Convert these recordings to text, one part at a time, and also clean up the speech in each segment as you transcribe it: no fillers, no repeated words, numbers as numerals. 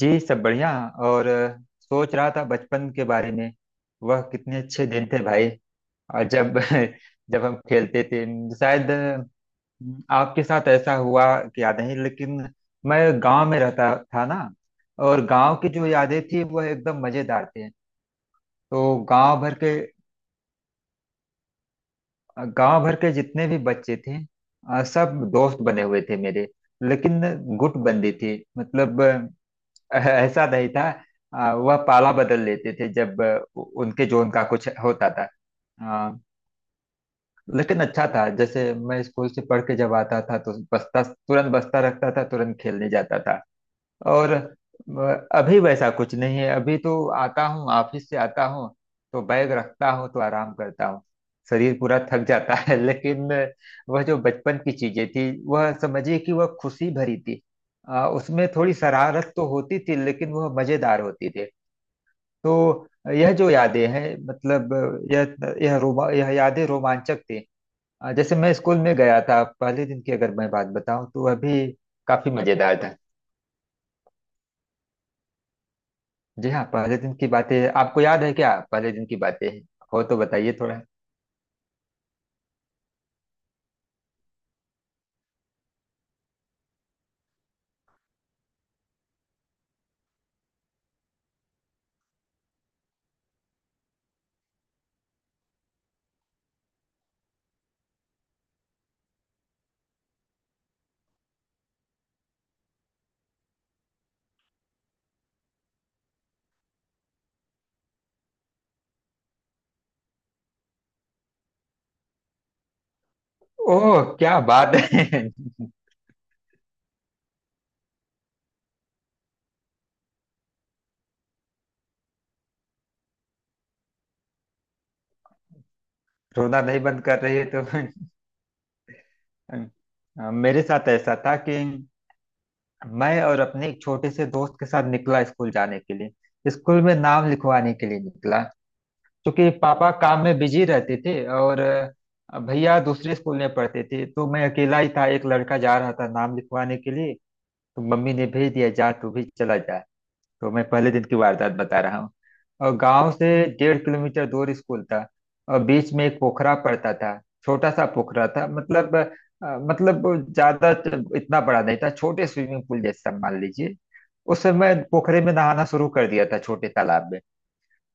जी, सब बढ़िया। और सोच रहा था बचपन के बारे में। वह कितने अच्छे दिन थे भाई। और जब जब हम खेलते थे, शायद आपके साथ ऐसा हुआ कि याद नहीं, लेकिन मैं गांव में रहता था ना। और गांव की जो यादें थी वह एकदम मजेदार थे। तो गांव भर के जितने भी बच्चे थे, सब दोस्त बने हुए थे मेरे। लेकिन गुटबंदी थी, मतलब ऐसा नहीं था। वह पाला बदल लेते थे जब उनके जोन का कुछ होता था आ, लेकिन अच्छा था, जैसे मैं स्कूल से पढ़ के जब आता था तो बस्ता तुरंत, बस्ता रखता था, तुरंत खेलने जाता था। और अभी वैसा कुछ नहीं है, अभी तो आता हूँ, ऑफिस से आता हूँ, तो बैग रखता हूँ, तो आराम करता हूँ। शरीर पूरा थक जाता है, लेकिन वह जो बचपन की चीजें थी, वह समझिए कि वह खुशी भरी थी। उसमें थोड़ी शरारत तो होती थी, लेकिन वह मजेदार होती थी। तो यह जो यादें हैं, मतलब यह यह यादें रोमांचक थी। जैसे मैं स्कूल में गया था, पहले दिन की अगर मैं बात बताऊं तो वह भी काफी मजेदार था। जी हाँ, पहले दिन की बातें आपको याद है क्या? पहले दिन की बातें हो तो बताइए थोड़ा। ओह, क्या बात है। रोना नहीं बंद कर रही है, तो मेरे साथ ऐसा था कि मैं और अपने एक छोटे से दोस्त के साथ निकला, स्कूल जाने के लिए, स्कूल में नाम लिखवाने के लिए निकला। क्योंकि पापा काम में बिजी रहते थे और भैया दूसरे स्कूल में पढ़ते थे, तो मैं अकेला ही था, एक लड़का जा रहा था नाम लिखवाने के लिए। तो मम्मी ने भेज दिया, जा तू भी चला जा। तो मैं पहले दिन की वारदात बता रहा हूँ। और गांव से 1.5 किलोमीटर दूर स्कूल था। और बीच में एक पोखरा पड़ता था। छोटा सा पोखरा था, मतलब मतलब ज्यादा इतना बड़ा नहीं था, छोटे स्विमिंग पूल जैसा मान लीजिए। उस समय पोखरे में नहाना शुरू कर दिया था, छोटे तालाब में।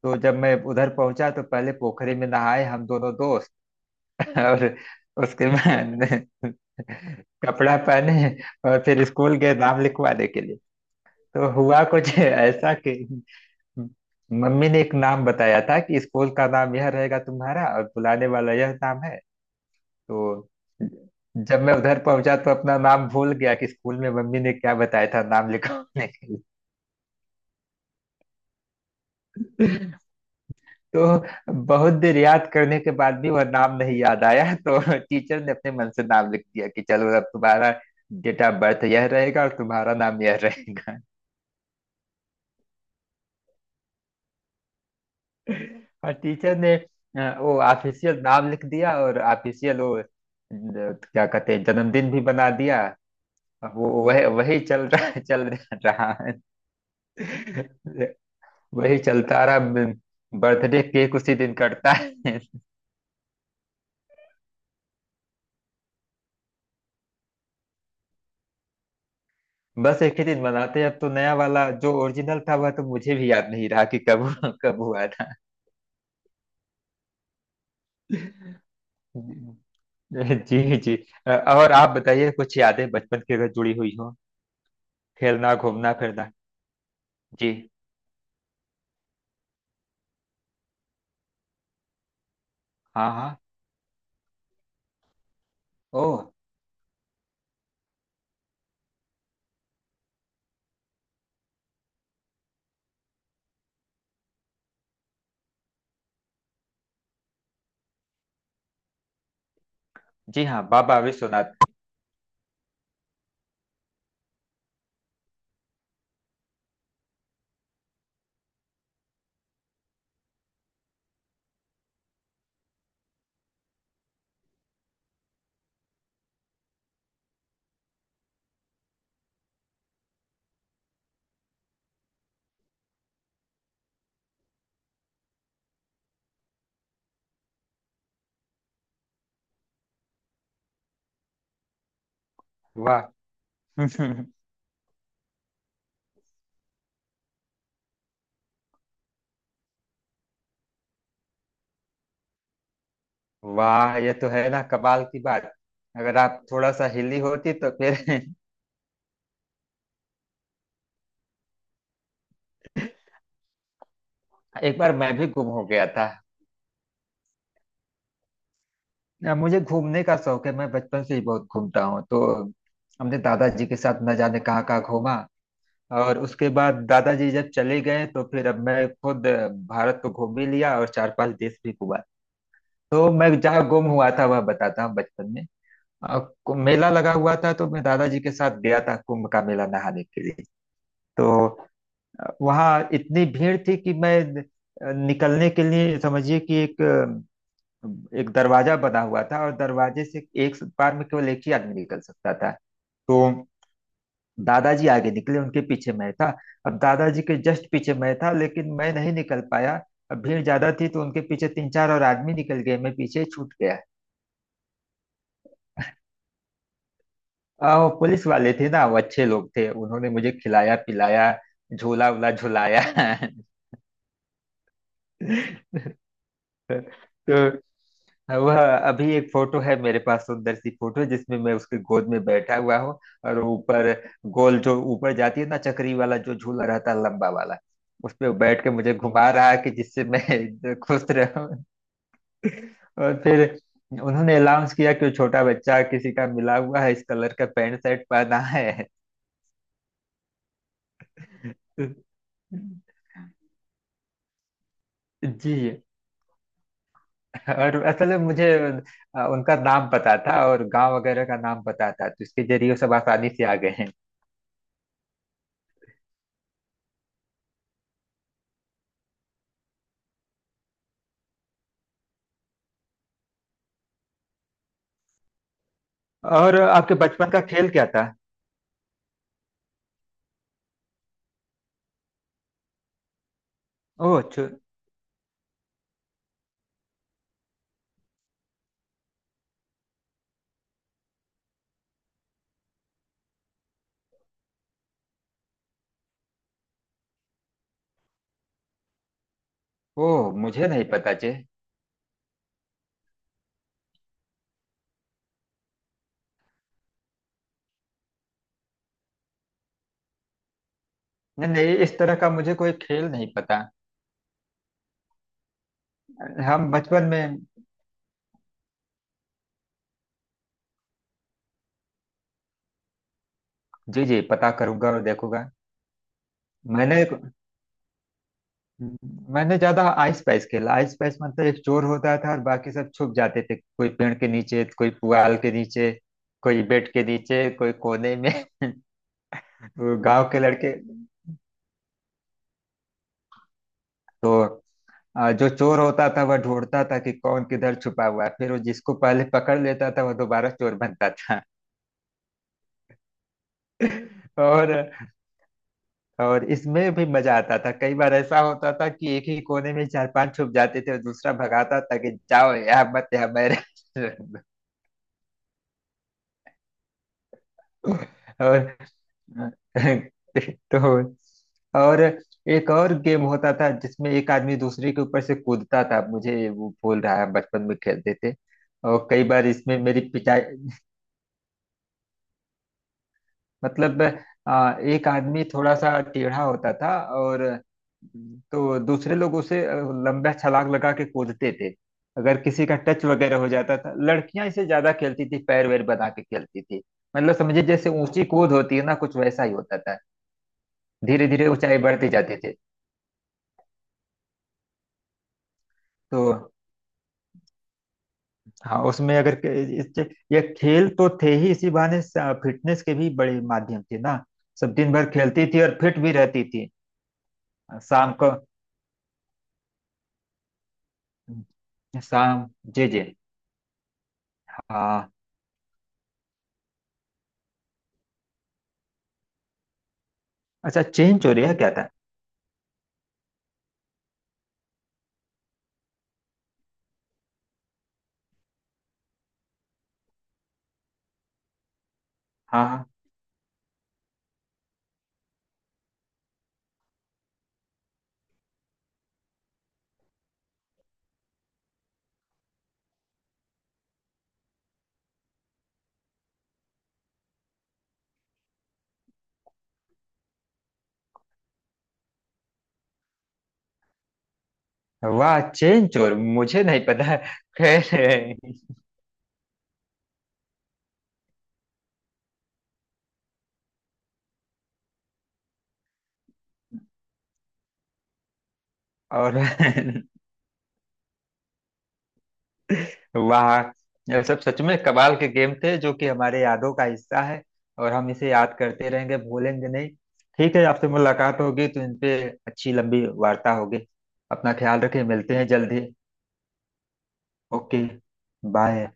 तो जब मैं उधर पहुंचा तो पहले पोखरे में नहाए हम दोनों दोस्त, और उसके बाद कपड़ा पहने, और फिर स्कूल गए नाम लिखवाने के लिए। तो हुआ कुछ ऐसा कि मम्मी ने एक नाम बताया था कि स्कूल का नाम यह रहेगा तुम्हारा, और बुलाने वाला यह नाम है। तो जब मैं उधर पहुंचा तो अपना नाम भूल गया कि स्कूल में मम्मी ने क्या बताया था नाम लिखवाने के लिए। तो बहुत देर याद करने के बाद भी वह नाम नहीं याद आया, तो टीचर ने अपने मन से नाम लिख दिया कि चलो अब तुम्हारा डेट ऑफ बर्थ यह रहेगा और तुम्हारा नाम यह रहेगा। और टीचर ने वो ऑफिशियल नाम लिख दिया, और ऑफिशियल वो क्या कहते हैं, जन्मदिन भी बना दिया। अब वो वह वही चल रहा है, वही चलता रहा। बर्थडे केक उसी दिन कटता है। बस एक ही दिन मनाते हैं, अब तो नया वाला। जो ओरिजिनल था वह तो मुझे भी याद नहीं रहा कि कब कब हुआ था। जी जी। और आप बताइए कुछ यादें बचपन की अगर जुड़ी हुई हो, खेलना घूमना फिरना। जी। हाँ हाँ। ओ। जी हाँ, बाबा विश्वनाथ। वाह। वाह, ये तो है ना कमाल की बात। अगर आप थोड़ा सा हिली होती तो फिर... एक बार मैं भी गुम हो गया था। ना, मुझे घूमने का शौक है, मैं बचपन से ही बहुत घूमता हूँ, तो हमने दादाजी के साथ न जाने कहाँ कहाँ घूमा। और उसके बाद दादाजी जब चले गए तो फिर अब मैं खुद भारत को घूम भी लिया और चार पांच देश भी घूमा। तो मैं जहाँ गुम हुआ था वह बताता हूँ बचपन में। और मेला लगा हुआ था, तो मैं दादाजी के साथ गया था कुंभ का मेला नहाने के लिए। तो वहाँ इतनी भीड़ थी कि मैं निकलने के लिए, समझिए कि एक एक दरवाजा बना हुआ था, और दरवाजे से एक बार में केवल एक ही आदमी निकल सकता था। तो दादाजी आगे निकले, उनके पीछे मैं था। अब दादाजी के जस्ट पीछे मैं था, लेकिन मैं नहीं निकल पाया। अब भीड़ ज्यादा थी, तो उनके पीछे तीन चार और आदमी निकल गए, मैं पीछे छूट गया। वो पुलिस वाले थे ना, वो अच्छे लोग थे, उन्होंने मुझे खिलाया पिलाया, झोला उला झुलाया। तो वह, अभी एक फोटो है मेरे पास, सुंदर सी फोटो जिसमें मैं उसके गोद में बैठा हुआ हूँ। और ऊपर, गोल जो ऊपर जाती है ना, चक्री वाला जो झूला रहता है, लंबा वाला। उस पे बैठ के मुझे घुमा रहा है कि जिससे मैं खुश रहूं। और फिर उन्होंने अनाउंस किया कि वो छोटा बच्चा किसी का मिला हुआ है, इस कलर का पैंट शर्ट पहना है। जी। और असल में मुझे उनका नाम पता था और गांव वगैरह का नाम पता था, तो इसके जरिए वो सब आसानी से आ गए हैं। और आपके बचपन का खेल क्या था? ओह छु- ओह, मुझे नहीं पता जी। नहीं नहीं, इस तरह का मुझे कोई खेल नहीं पता। हम बचपन में। जी जी, पता करूंगा और देखूंगा। मैंने मैंने ज्यादा आइस पाइस खेला। आइस पाइस मतलब एक चोर होता था और बाकी सब छुप जाते थे, कोई पेड़ के नीचे, कोई पुआल के नीचे, कोई बेड के नीचे, कोई कोने में। वो गांव के लड़के। तो जो चोर होता था वह ढूंढता था कि कौन किधर छुपा हुआ है, फिर वो जिसको पहले पकड़ लेता था वह दोबारा चोर बनता था। और और इसमें भी मजा आता था, कई बार ऐसा होता था कि एक ही कोने में चार पांच छुप जाते थे और दूसरा भगाता था कि जाओ यहाँ मत, यहाँ मैं रह- और तो। और एक और गेम होता था जिसमें एक आदमी दूसरे के ऊपर से कूदता था, मुझे वो भूल रहा है, बचपन में खेलते थे। और कई बार इसमें मेरी पिटाई, मतलब एक आदमी थोड़ा सा टेढ़ा होता था, और तो दूसरे लोग उसे लंबा छलांग लगा के कूदते थे। अगर किसी का टच वगैरह हो जाता था, लड़कियां इसे ज्यादा खेलती थी, पैर वैर बना के खेलती थी। मतलब समझिए जैसे ऊंची कूद होती है ना, कुछ वैसा ही होता था। धीरे धीरे ऊंचाई बढ़ती जाती थी। तो हाँ, उसमें अगर इस- ये खेल तो थे ही, इसी बहाने फिटनेस के भी बड़े माध्यम थे ना। सब दिन भर खेलती थी और फिट भी रहती थी। शाम को शाम। जे जे हाँ। अच्छा, चेन चोर यह क्या था? हाँ हाँ। वाह, चेन चोर मुझे नहीं पता। खैर। और वाह। यह सब सच में कमाल के गेम थे जो कि हमारे यादों का हिस्सा है। और हम इसे याद करते रहेंगे, भूलेंगे नहीं। ठीक है, आपसे मुलाकात होगी तो इन पे अच्छी लंबी वार्ता होगी। अपना ख्याल रखें, मिलते हैं जल्दी। ओके। बाय।